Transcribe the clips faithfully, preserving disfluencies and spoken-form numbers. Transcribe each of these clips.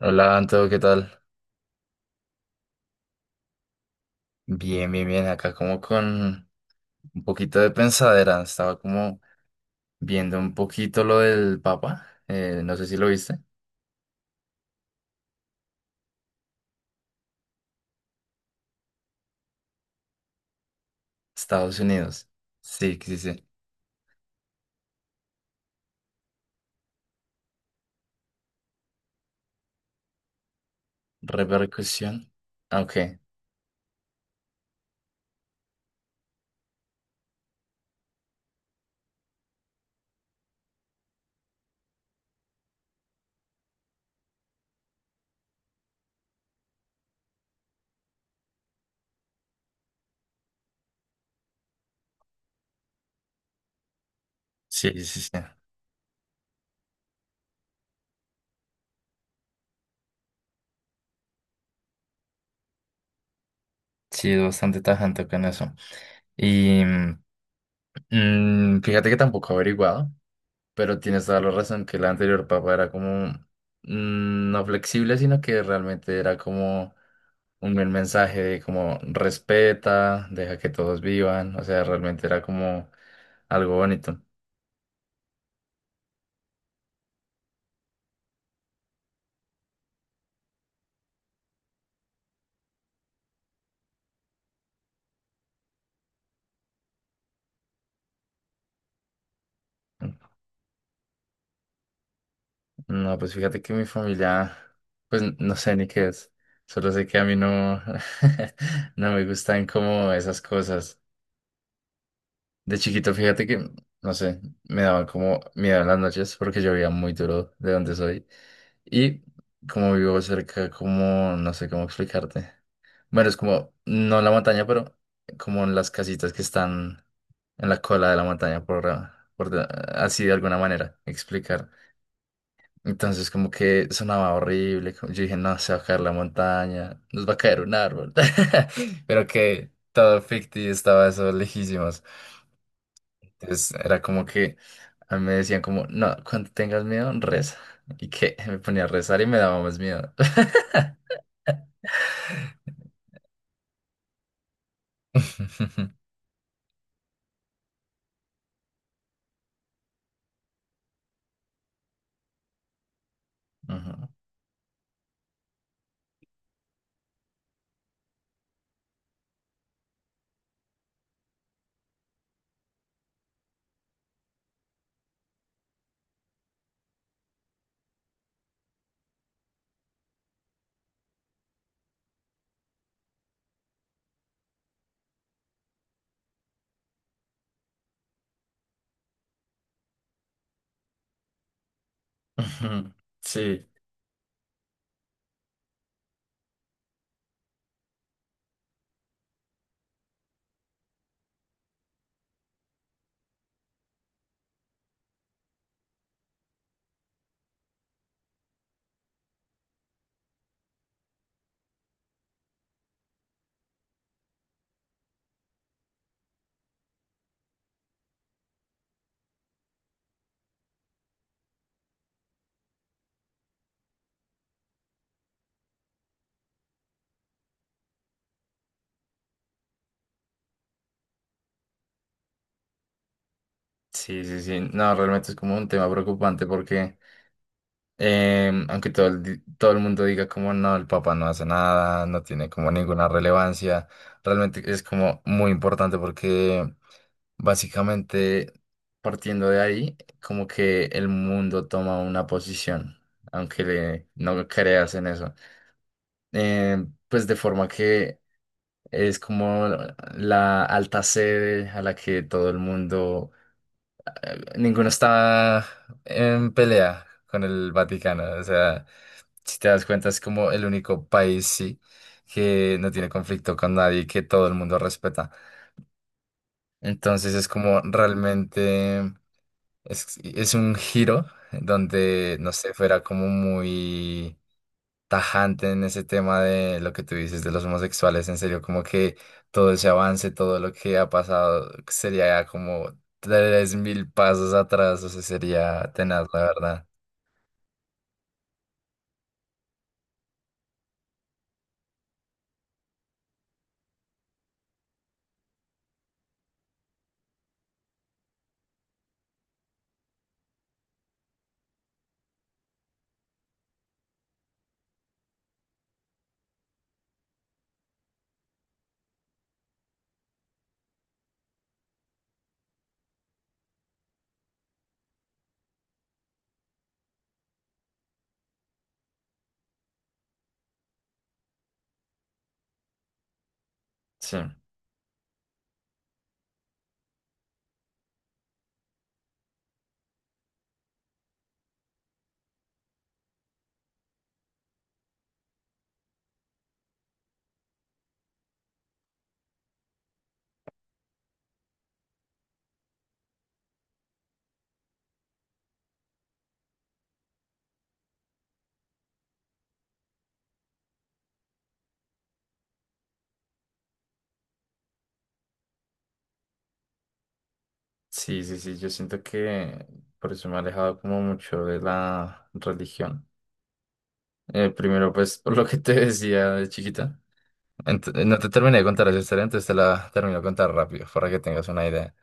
Hola, Anto, ¿qué tal? Bien, bien, bien. Acá como con un poquito de pensadera. Estaba como viendo un poquito lo del Papa. Eh, no sé si lo viste. Estados Unidos. Sí, sí, sí. Repercusión. Ah, Ok. Sí, sí, sí. Sí, es bastante tajante con eso. Y mm, mm, Fíjate que tampoco he averiguado. Pero tienes toda la razón que el anterior papa era como mm, no flexible, sino que realmente era como un buen mensaje de como respeta, deja que todos vivan, o sea, realmente era como algo bonito. No, pues fíjate que mi familia, pues no sé ni qué es, solo sé que a mí no, no me gustan como esas cosas. De chiquito, fíjate que, no sé, me daban como miedo en las noches porque llovía muy duro de donde soy. Y como vivo cerca, como, no sé cómo explicarte. Bueno, es como, no la montaña, pero como en las casitas que están en la cola de la montaña, por, ah, por de- así de alguna manera explicar. Entonces como que sonaba horrible, como- yo dije, no, se va a caer la montaña, nos va a caer un árbol. Pero que todo ficti estaba eso lejísimos. Entonces era como que a mí me decían como, no, cuando tengas miedo, reza. Y que me ponía a rezar y me daba más miedo. Ujú, ujú. Sí, sí, sí, sí. No, realmente es como un tema preocupante porque Em, aunque todo el, di- todo el mundo diga como no, el Papa no hace nada, no tiene como ninguna relevancia, realmente es como muy importante porque básicamente partiendo de ahí, como que el mundo toma una posición, aunque le- no creas en eso. Em, pues de forma que es como la alta sede a la que todo el mundo ninguno está en pelea con el Vaticano. O sea, si te das cuenta, es como el único país, sí, que no tiene conflicto con nadie, y que todo el mundo respeta. Entonces es como realmente es, es un giro donde, no sé, fuera como muy tajante en ese tema de lo que tú dices de los homosexuales, en serio, como que todo ese avance, todo lo que ha pasado, sería como tres mil pasos atrás, o sea, sería tenaz, la verdad. Sí, sí, sí, sí, yo siento que por eso me he alejado como mucho de la religión. Eh, primero, pues, por lo que te decía de chiquita. Ent- no te terminé de contar esa historia, entonces te la termino de contar rápido para que tengas una idea.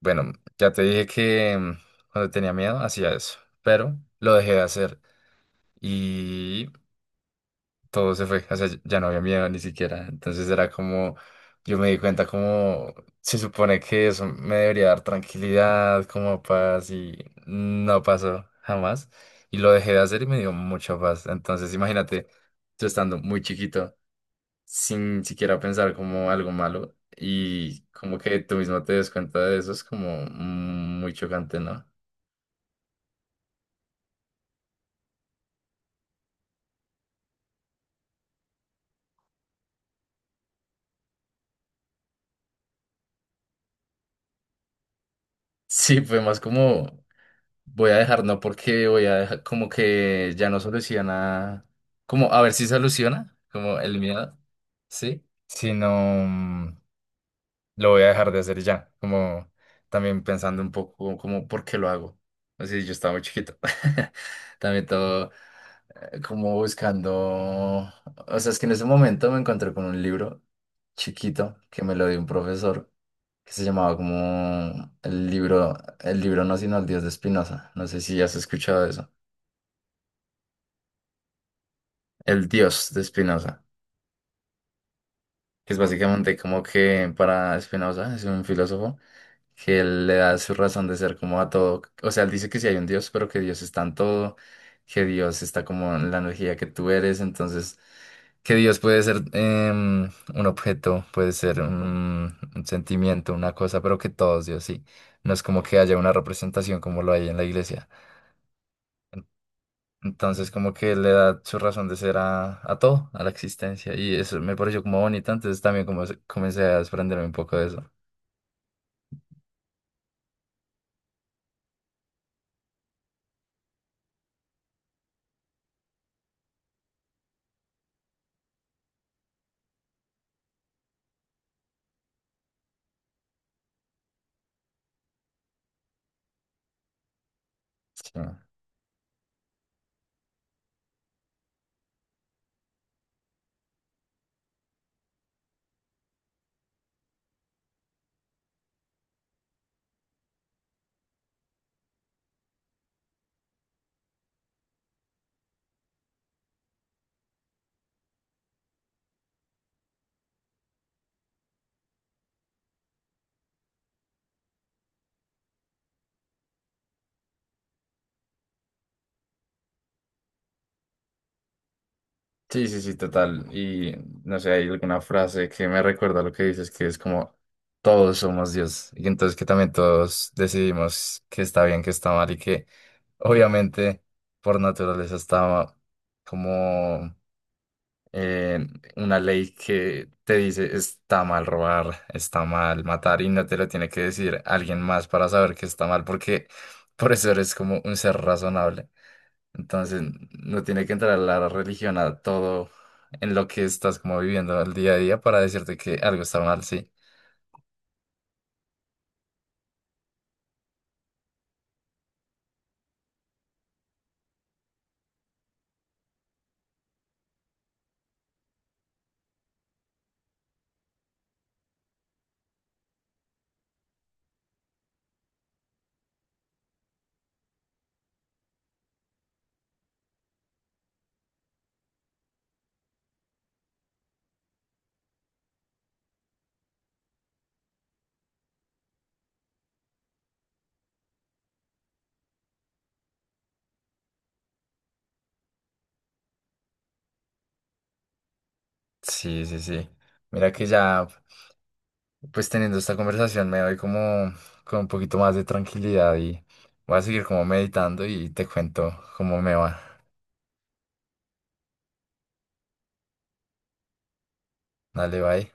Bueno, ya te dije que mm, cuando tenía miedo hacía eso, pero lo dejé de hacer y todo se fue, o sea, ya no había miedo ni siquiera. Entonces era como, yo me di cuenta como se supone que eso me debería dar tranquilidad, como paz y no pasó jamás. Y lo dejé de hacer y me dio mucha paz. Entonces imagínate, yo estando muy chiquito sin siquiera pensar como algo malo y como que tú mismo te des cuenta de eso es como muy chocante, ¿no? Sí, fue más como voy a dejar, no porque voy a dejar, como que ya no soluciona, como a ver si soluciona, como el miedo, ¿sí? Sino lo voy a dejar de hacer ya, como también pensando un poco como por qué lo hago. Así yo estaba muy chiquito. También todo eh, como buscando, o sea, es que en ese momento me encontré con un libro chiquito que me lo dio un profesor que se llamaba como el libro, el libro no, sino el Dios de Spinoza. No sé si has escuchado eso. El Dios de Spinoza, que es básicamente como que para Spinoza es un filósofo que él le da su razón de ser como a todo. O sea, él dice que sí hay un Dios, pero que Dios está en todo, que Dios está como en la energía que tú eres, entonces que Dios puede ser em, un objeto, puede ser un, un sentimiento, una cosa, pero que todo es Dios, sí. No es como que haya una representación como lo hay en la iglesia. Entonces como que le da su razón de ser a, a todo, a la existencia, y eso me pareció como bonito, entonces también como se- comencé a desprenderme un poco de eso. Sí. Sí, sí, sí, total. Y no sé, hay alguna frase que me recuerda lo que dices, que es como todos somos Dios. Y entonces que también todos decidimos que está bien, que está mal y que obviamente por naturaleza está como eh, una ley que te dice está mal robar, está mal matar y no te lo tiene que decir alguien más para saber que está mal porque por eso eres como un ser razonable. Entonces, no tiene que entrar la religión a todo en lo que estás como viviendo el día a día para decirte que algo está mal, sí. Sí, sí, sí. Mira que ya, pues teniendo esta conversación me doy como con un poquito más de tranquilidad y voy a seguir como meditando y te cuento cómo me va. Dale, bye.